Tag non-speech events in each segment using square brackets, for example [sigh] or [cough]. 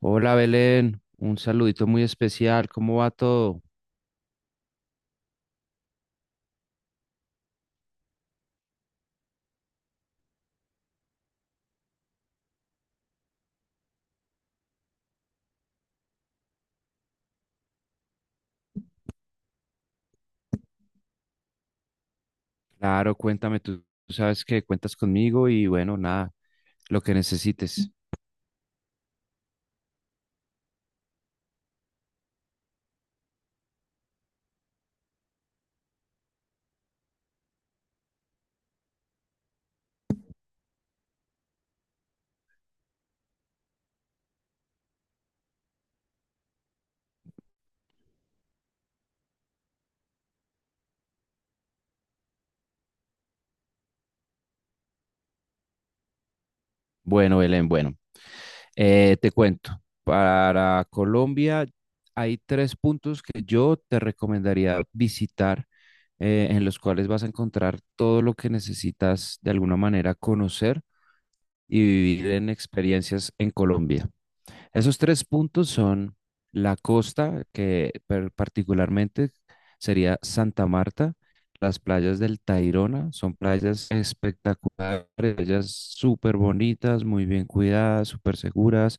Hola Belén, un saludito muy especial, ¿cómo va todo? Claro, cuéntame, tú sabes que cuentas conmigo y bueno, nada, lo que necesites. Bueno, Belén, bueno, te cuento, para Colombia hay tres puntos que yo te recomendaría visitar, en los cuales vas a encontrar todo lo que necesitas de alguna manera conocer y vivir en experiencias en Colombia. Esos tres puntos son la costa, que particularmente sería Santa Marta, las playas del Tayrona, son playas espectaculares, playas súper bonitas, muy bien cuidadas, súper seguras.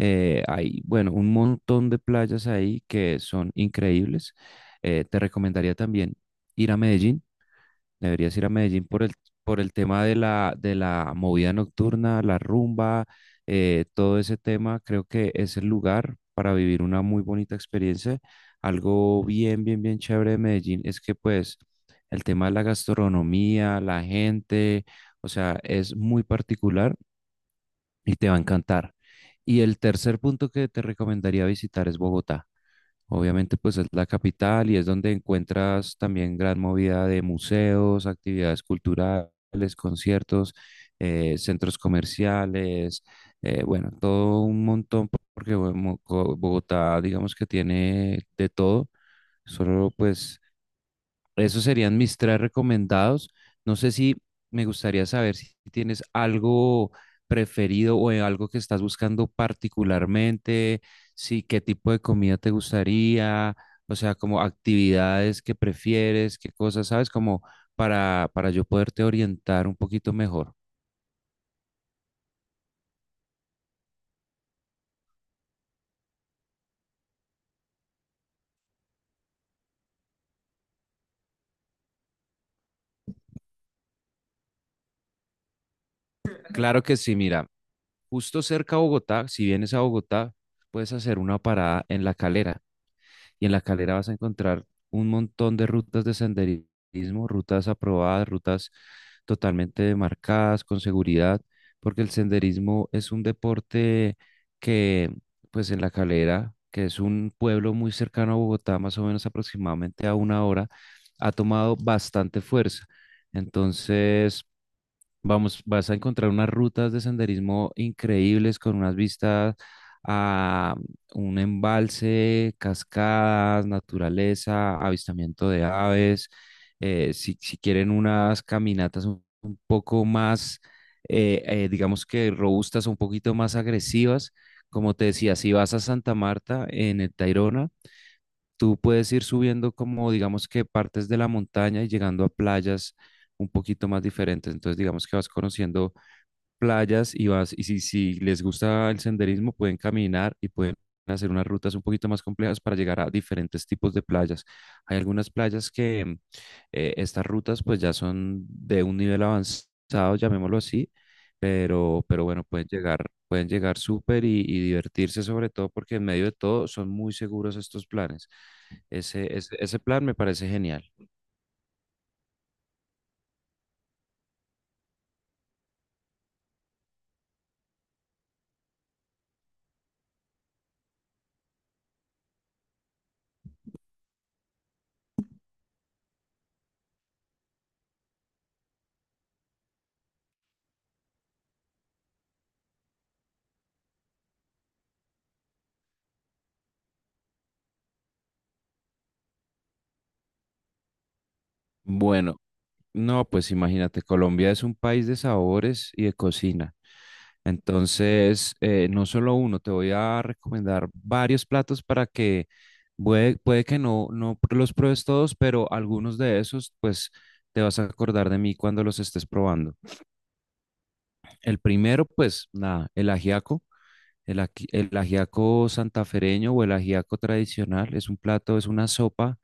Hay, bueno, un montón de playas ahí que son increíbles. Te recomendaría también ir a Medellín. Deberías ir a Medellín por el tema de la movida nocturna, la rumba, todo ese tema. Creo que es el lugar para vivir una muy bonita experiencia. Algo bien, bien, bien chévere de Medellín es que pues el tema de la gastronomía, la gente, o sea, es muy particular y te va a encantar. Y el tercer punto que te recomendaría visitar es Bogotá. Obviamente, pues es la capital y es donde encuentras también gran movida de museos, actividades culturales, conciertos, centros comerciales, bueno, todo un montón, porque bueno, Bogotá, digamos que tiene de todo, solo pues esos serían mis tres recomendados. No sé si me gustaría saber si tienes algo preferido o algo que estás buscando particularmente, si qué tipo de comida te gustaría, o sea, como actividades que prefieres, qué cosas, ¿sabes? Como para yo poderte orientar un poquito mejor. Claro que sí, mira, justo cerca a Bogotá, si vienes a Bogotá, puedes hacer una parada en La Calera. Y en la calera vas a encontrar un montón de rutas de senderismo, rutas aprobadas, rutas totalmente marcadas, con seguridad, porque el senderismo es un deporte que, pues en la calera, que es un pueblo muy cercano a Bogotá, más o menos aproximadamente a una hora, ha tomado bastante fuerza. Entonces, vamos, vas a encontrar unas rutas de senderismo increíbles con unas vistas a un embalse, cascadas, naturaleza, avistamiento de aves. Si quieren unas caminatas un poco más, digamos que robustas, un poquito más agresivas, como te decía, si vas a Santa Marta en el Tayrona, tú puedes ir subiendo como digamos que partes de la montaña y llegando a playas un poquito más diferentes. Entonces digamos que vas conociendo playas y vas, y si les gusta el senderismo, pueden caminar y pueden hacer unas rutas un poquito más complejas para llegar a diferentes tipos de playas. Hay algunas playas que estas rutas pues ya son de un nivel avanzado, llamémoslo así, pero bueno, pueden llegar súper y divertirse sobre todo porque en medio de todo son muy seguros estos planes. Ese plan me parece genial. Bueno, no, pues imagínate, Colombia es un país de sabores y de cocina. Entonces, no solo uno, te voy a recomendar varios platos para que puede que no los pruebes todos, pero algunos de esos, pues te vas a acordar de mí cuando los estés probando. El primero, pues nada, el ajiaco. El ajiaco santafereño o el ajiaco tradicional es un plato, es una sopa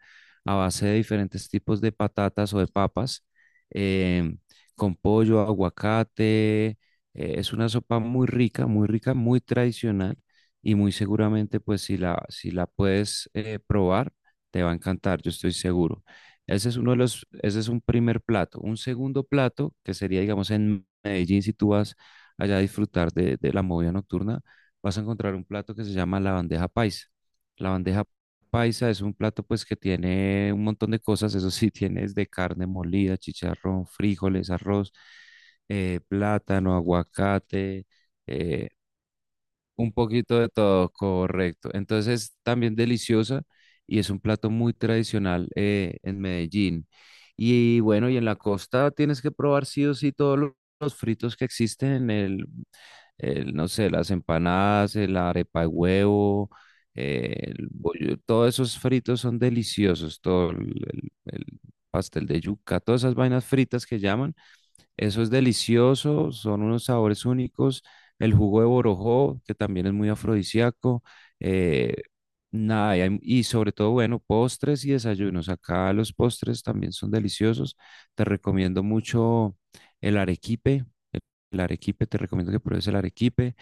a base de diferentes tipos de patatas o de papas, em, con pollo, aguacate. Es una sopa muy rica, muy rica, muy tradicional y muy seguramente, pues si la, si la puedes probar, te va a encantar, yo estoy seguro. Ese es un primer plato. Un segundo plato, que sería, digamos, en Medellín, si tú vas allá a disfrutar de la movida nocturna vas a encontrar un plato que se llama la bandeja paisa. La bandeja paisa es un plato pues que tiene un montón de cosas, eso sí, [laughs] tiene desde carne molida, chicharrón, frijoles, arroz, plátano, aguacate, eh, un poquito de todo, correcto. Entonces es también deliciosa y es un plato muy tradicional en Medellín. Y bueno, y en la costa tienes que probar sí o sí todos los fritos que existen en el, no sé, las empanadas, el arepa de huevo, el bollo, todos esos fritos son deliciosos, todo el pastel de yuca, todas esas vainas fritas que llaman eso es delicioso, son unos sabores únicos. El jugo de borojó, que también es muy afrodisíaco. eh, Nada, y sobre todo, bueno, postres y desayunos. Acá los postres también son deliciosos. Te recomiendo mucho el arequipe. El el arequipe, te recomiendo que pruebes el arequipe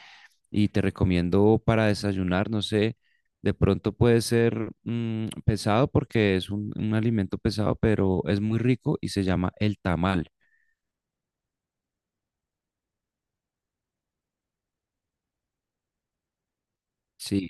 y te recomiendo para desayunar, no sé, de pronto puede ser pesado porque es un alimento pesado, pero es muy rico y se llama el tamal. Sí,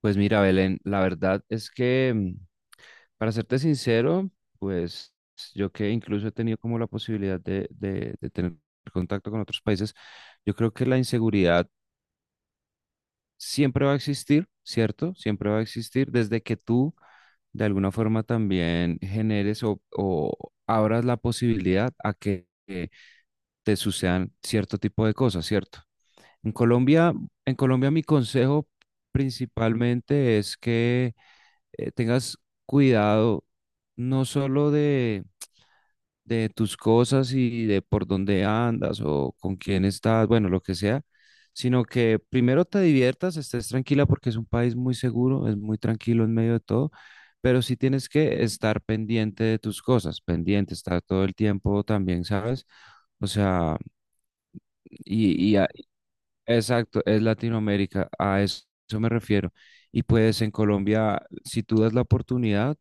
pues mira, Belén, la verdad es que, para serte sincero, pues yo que incluso he tenido como la posibilidad de tener contacto con otros países, yo creo que la inseguridad siempre va a existir, ¿cierto? Siempre va a existir desde que tú de alguna forma también generes o abras la posibilidad a que te sucedan cierto tipo de cosas, ¿cierto? En Colombia, mi consejo principalmente es que tengas cuidado no solo de tus cosas y de por dónde andas o con quién estás, bueno, lo que sea, sino que primero te diviertas, estés tranquila porque es un país muy seguro, es muy tranquilo en medio de todo, pero sí tienes que estar pendiente de tus cosas, pendiente, estar todo el tiempo también, ¿sabes? O sea, y, y a- exacto, es Latinoamérica, a eso me refiero. Y pues en Colombia, si tú das la oportunidad,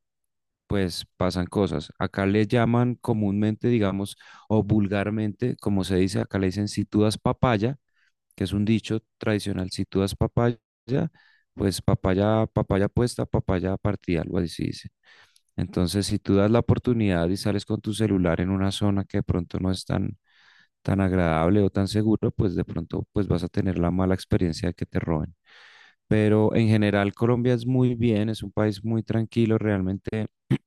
pues pasan cosas. Acá le llaman comúnmente, digamos, o vulgarmente, como se dice, acá le dicen si tú das papaya, que es un dicho tradicional, si tú das papaya, pues papaya, papaya puesta, papaya partida, algo así dice. Entonces, si tú das la oportunidad y sales con tu celular en una zona que de pronto no es tan, tan agradable o tan seguro, pues de pronto pues vas a tener la mala experiencia de que te roben. Pero en general Colombia es muy bien, es un país muy tranquilo, realmente [clears throat]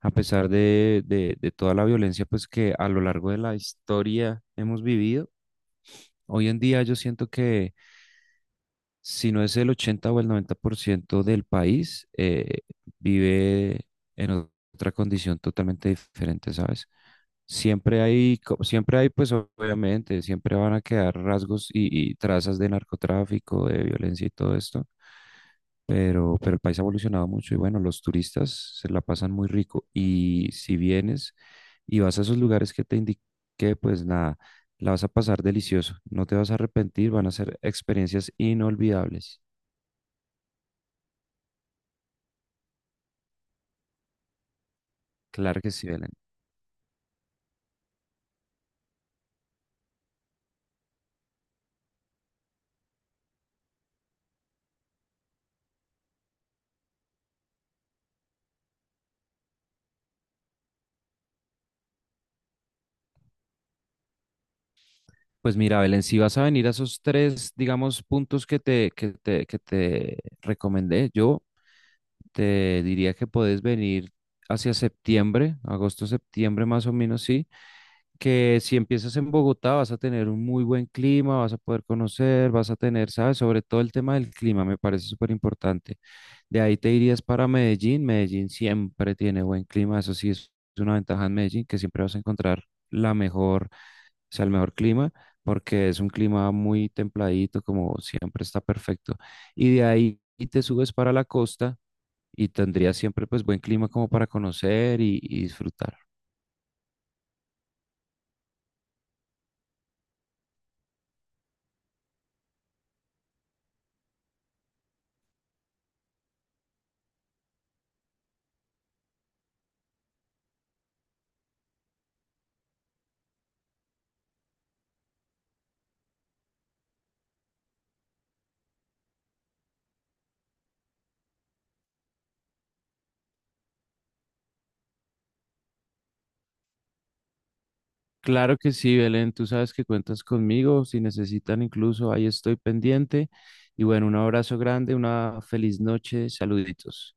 a pesar de toda la violencia pues que a lo largo de la historia hemos vivido, hoy en día yo siento que si no es el 80 o el 90% del país, vive en otra condición totalmente diferente, ¿sabes? Siempre hay, pues obviamente, siempre van a quedar rasgos y trazas de narcotráfico, de violencia y todo esto, pero el país ha evolucionado mucho y bueno, los turistas se la pasan muy rico. Y si vienes y vas a esos lugares que te indiqué, pues nada, la vas a pasar delicioso. No te vas a arrepentir, van a ser experiencias inolvidables. Claro que sí, Belén. Pues mira, Belén, si vas a venir a esos tres, digamos, puntos que te recomendé, yo te diría que puedes venir hacia septiembre, agosto, septiembre más o menos, sí que si empiezas en Bogotá vas a tener un muy buen clima, vas a poder conocer, vas a tener, ¿sabes? Sobre todo el tema del clima, me parece súper importante. De ahí te irías para Medellín. Medellín siempre tiene buen clima, eso sí es una ventaja en Medellín, que siempre vas a encontrar la mejor, o sea, el mejor clima, porque es un clima muy templadito, como siempre está perfecto. Y de ahí te subes para la costa y tendrías siempre pues buen clima como para conocer y disfrutar. Claro que sí, Belén, tú sabes que cuentas conmigo, si necesitan incluso, ahí estoy pendiente. Y bueno, un abrazo grande, una feliz noche, saluditos.